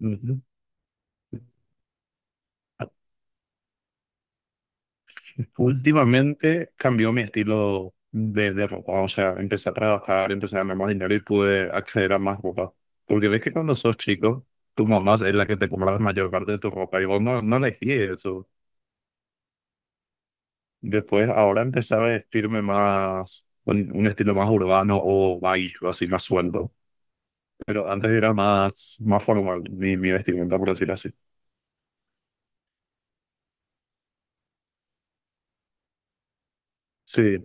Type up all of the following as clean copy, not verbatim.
Ujú. Ah, últimamente cambió mi estilo de ropa, o sea, empecé a trabajar, empecé a ganar más dinero y pude acceder a más ropa. Porque ves que cuando sos chico, tu mamá es la que te compra la mayor parte de tu ropa y vos no, no elegí eso. Después, ahora empecé a vestirme más, con un estilo más urbano o baggy, o así más suelto. Pero antes era más, más formal mi vestimenta, por decir así. Sí,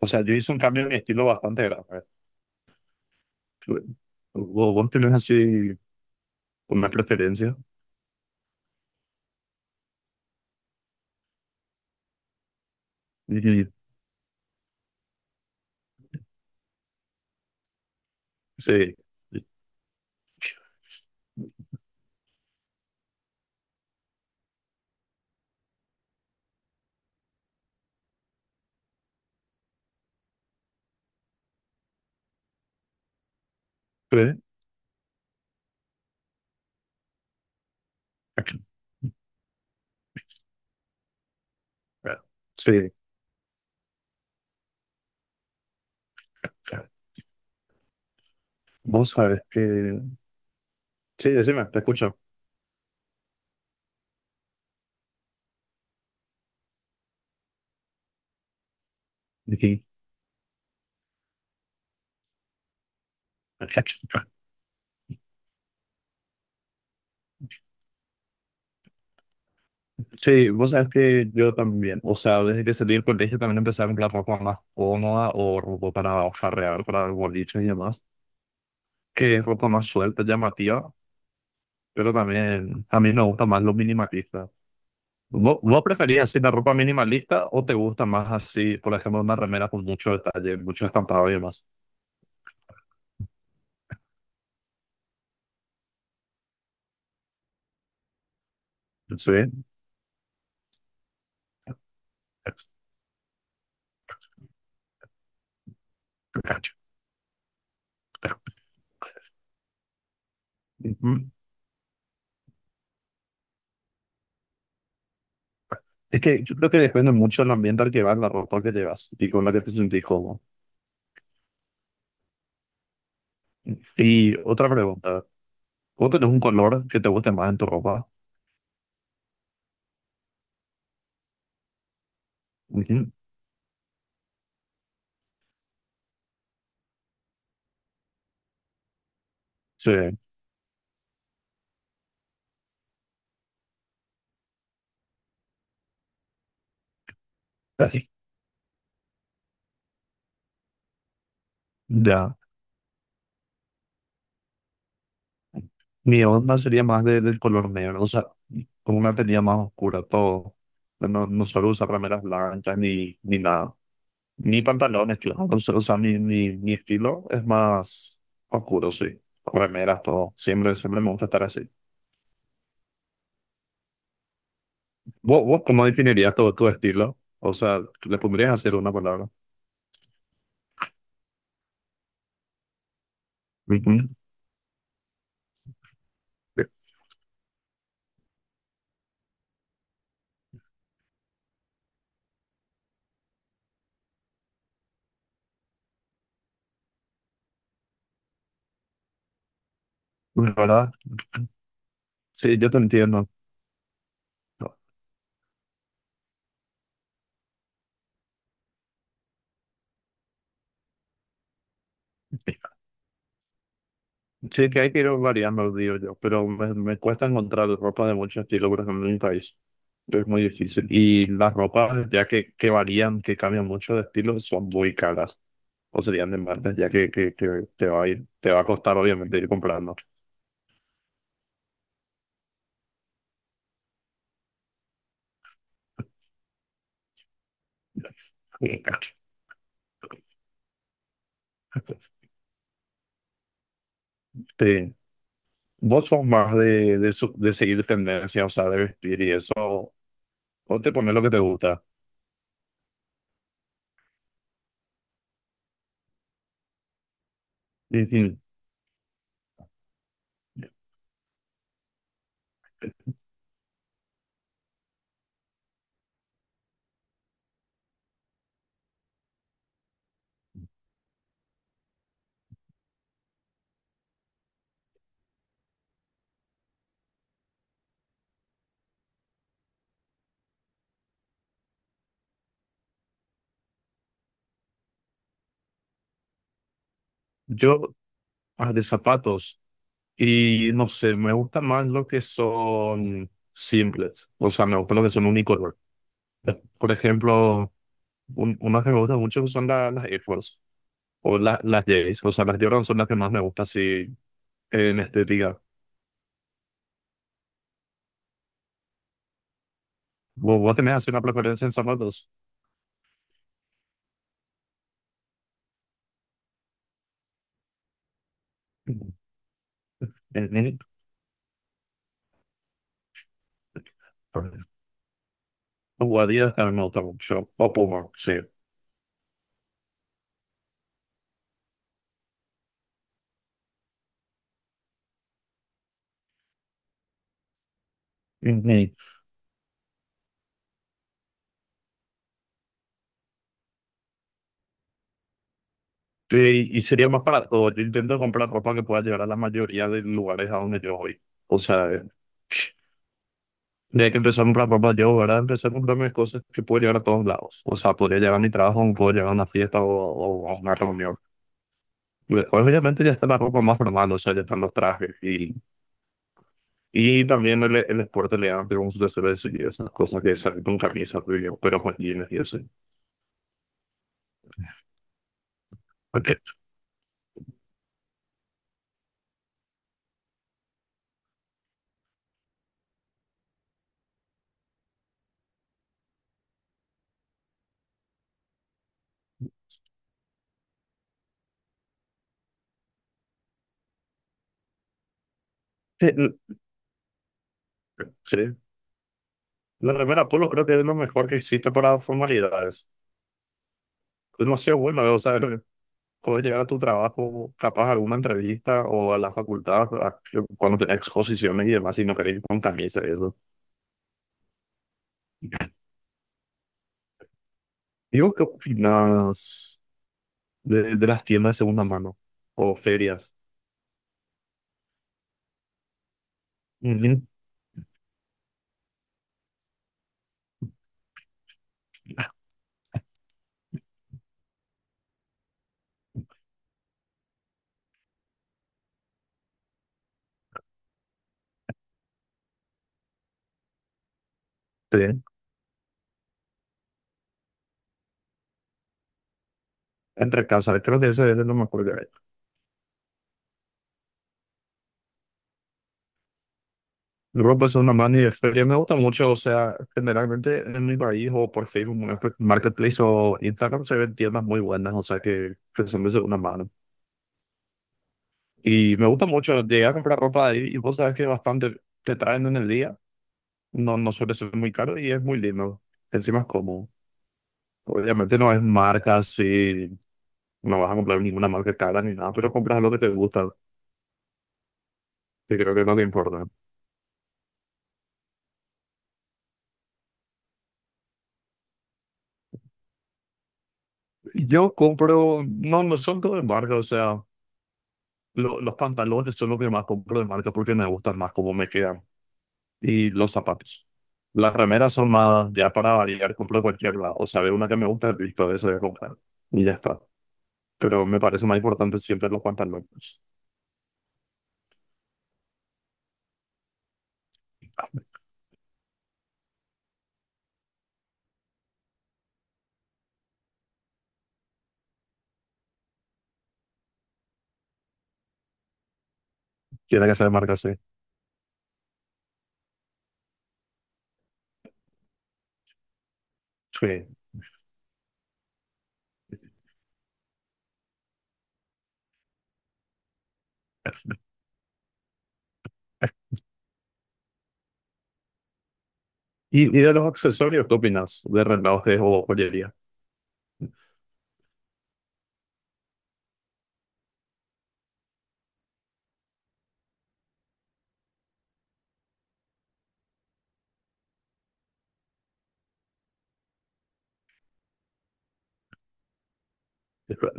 o sea, yo hice un cambio en mi estilo bastante grande. Bueno, ¿Vos tenés así una preferencia? Y, y- sí, y- ¿eh? Aquí. Claro, sí, claro. Vos sabes que. Sí, decime, te escucho. Aquí. Sí, vos sabes que yo también, o sea, desde que salí del colegio también empecé a comprar ropa más cómoda o ropa para farrear, para el boliche y demás, que es ropa más suelta, llamativa, pero también a mí me gusta más lo minimalista. ¿Vos, preferís así la ropa minimalista o te gusta más así, por ejemplo, una remera con mucho detalle, mucho estampado y demás? Sí. Ujú. Es que yo creo que depende mucho del ambiente al que vas, la ropa que llevas y con la que te sentís cómodo. Y otra pregunta, ¿vos tenés un color que te guste más en tu ropa? Ujú. Sí, así. Ya. Mi onda sería más del color negro, o sea, con una tenía más oscura todo. No, no suelo usar remeras blancas ni nada. Ni pantalones, claro. O sea, mi estilo es más oscuro, sí. Remeras, todo. Siempre, siempre me gusta estar así. ¿Vos cómo definirías todo tu estilo? O sea, ¿le pondrías a hacer una palabra? Ujú. La ¿Verdad? Sí, yo te entiendo. Sí, que hay que ir variando, digo yo, pero me cuesta encontrar ropa de mucho estilo, por ejemplo, en mi país. Es muy difícil. Y las ropas, ya que varían, que cambian mucho de estilo, son muy caras. O serían de martes, ya que te va a ir, te va a costar obviamente ir comprando. Este, vos sos más de seguir tendencias, o sea, de vestir y eso, o te pones lo que te gusta. En fin, yo ah, de zapatos, y no sé, me gustan más los que son simples, o sea, me gustan los que son unicolor. Por ejemplo, unas que me gustan mucho son las Air Force, o las Jays, o sea, las Jordan son las que más me gustan así en estética. Vos tenés así una preferencia en zapatos. Mm. Mm, mm. Jugaría en el mucho. O Puma, sí. Mm, sí, y sería más para todo. Yo intento comprar ropa que pueda llegar a la mayoría de lugares a donde yo voy. O sea, desde que empecé a comprar ropa yo, ¿verdad? Empecé a comprarme cosas que puedo llegar a todos lados. O sea, podría llegar a mi trabajo, puedo llegar a una fiesta o a una reunión. Después, obviamente, ya está la ropa más formal, o sea, ya están los trajes y también el deporte elegante como su tesoro de su esas cosas que salen con camisas, pero con jeans y eso. Porque, eh, sí, la remera polo creo que es lo mejor que existe para formalidades. Es demasiado bueno, o sea, puedes llegar a tu trabajo, capaz a alguna entrevista o a la facultad, cuando tenés exposiciones y demás, y no querés ir con camisa y eso. Digo, ¿qué opinas de las tiendas de segunda mano o ferias? Ujú. Sí, entre casas, creo que ese es lo mejor. Luego pues una mano y de feria me gusta mucho, o sea, generalmente en mi país o por Facebook Marketplace o Instagram se ven tiendas muy buenas, o sea que se me hace una mano. Y me gusta mucho llegar a comprar ropa ahí y vos sabes que bastante te traen en el día, no, no suele ser muy caro y es muy lindo, encima es cómodo. Obviamente no es marca así, no vas a comprar ninguna marca cara ni nada, pero compras lo que te gusta, que creo que no te importa. Yo compro, no, no son todo de marca, o sea. Los pantalones son lo que más compro de marca porque me gustan más cómo me quedan. Y los zapatos. Las remeras son más, ya para variar, compro de cualquier lado. O sea, veo una que me gusta, listo, de eso voy a comprar. Y ya está. Pero me parece más importante siempre los pantalones. Tiene que ser de marca, sí. Sí. ¿Y, de los accesorios, qué opinas? ¿De relojes o joyería?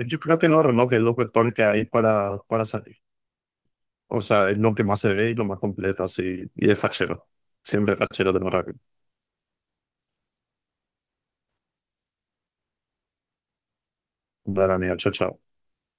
Yo creo que no, reloj es lo mejor que hay para salir. O sea, es lo que más se ve y lo más completo, así. Y es fachero. Siempre fachero de Morag. Dale, amigo, chao, chao.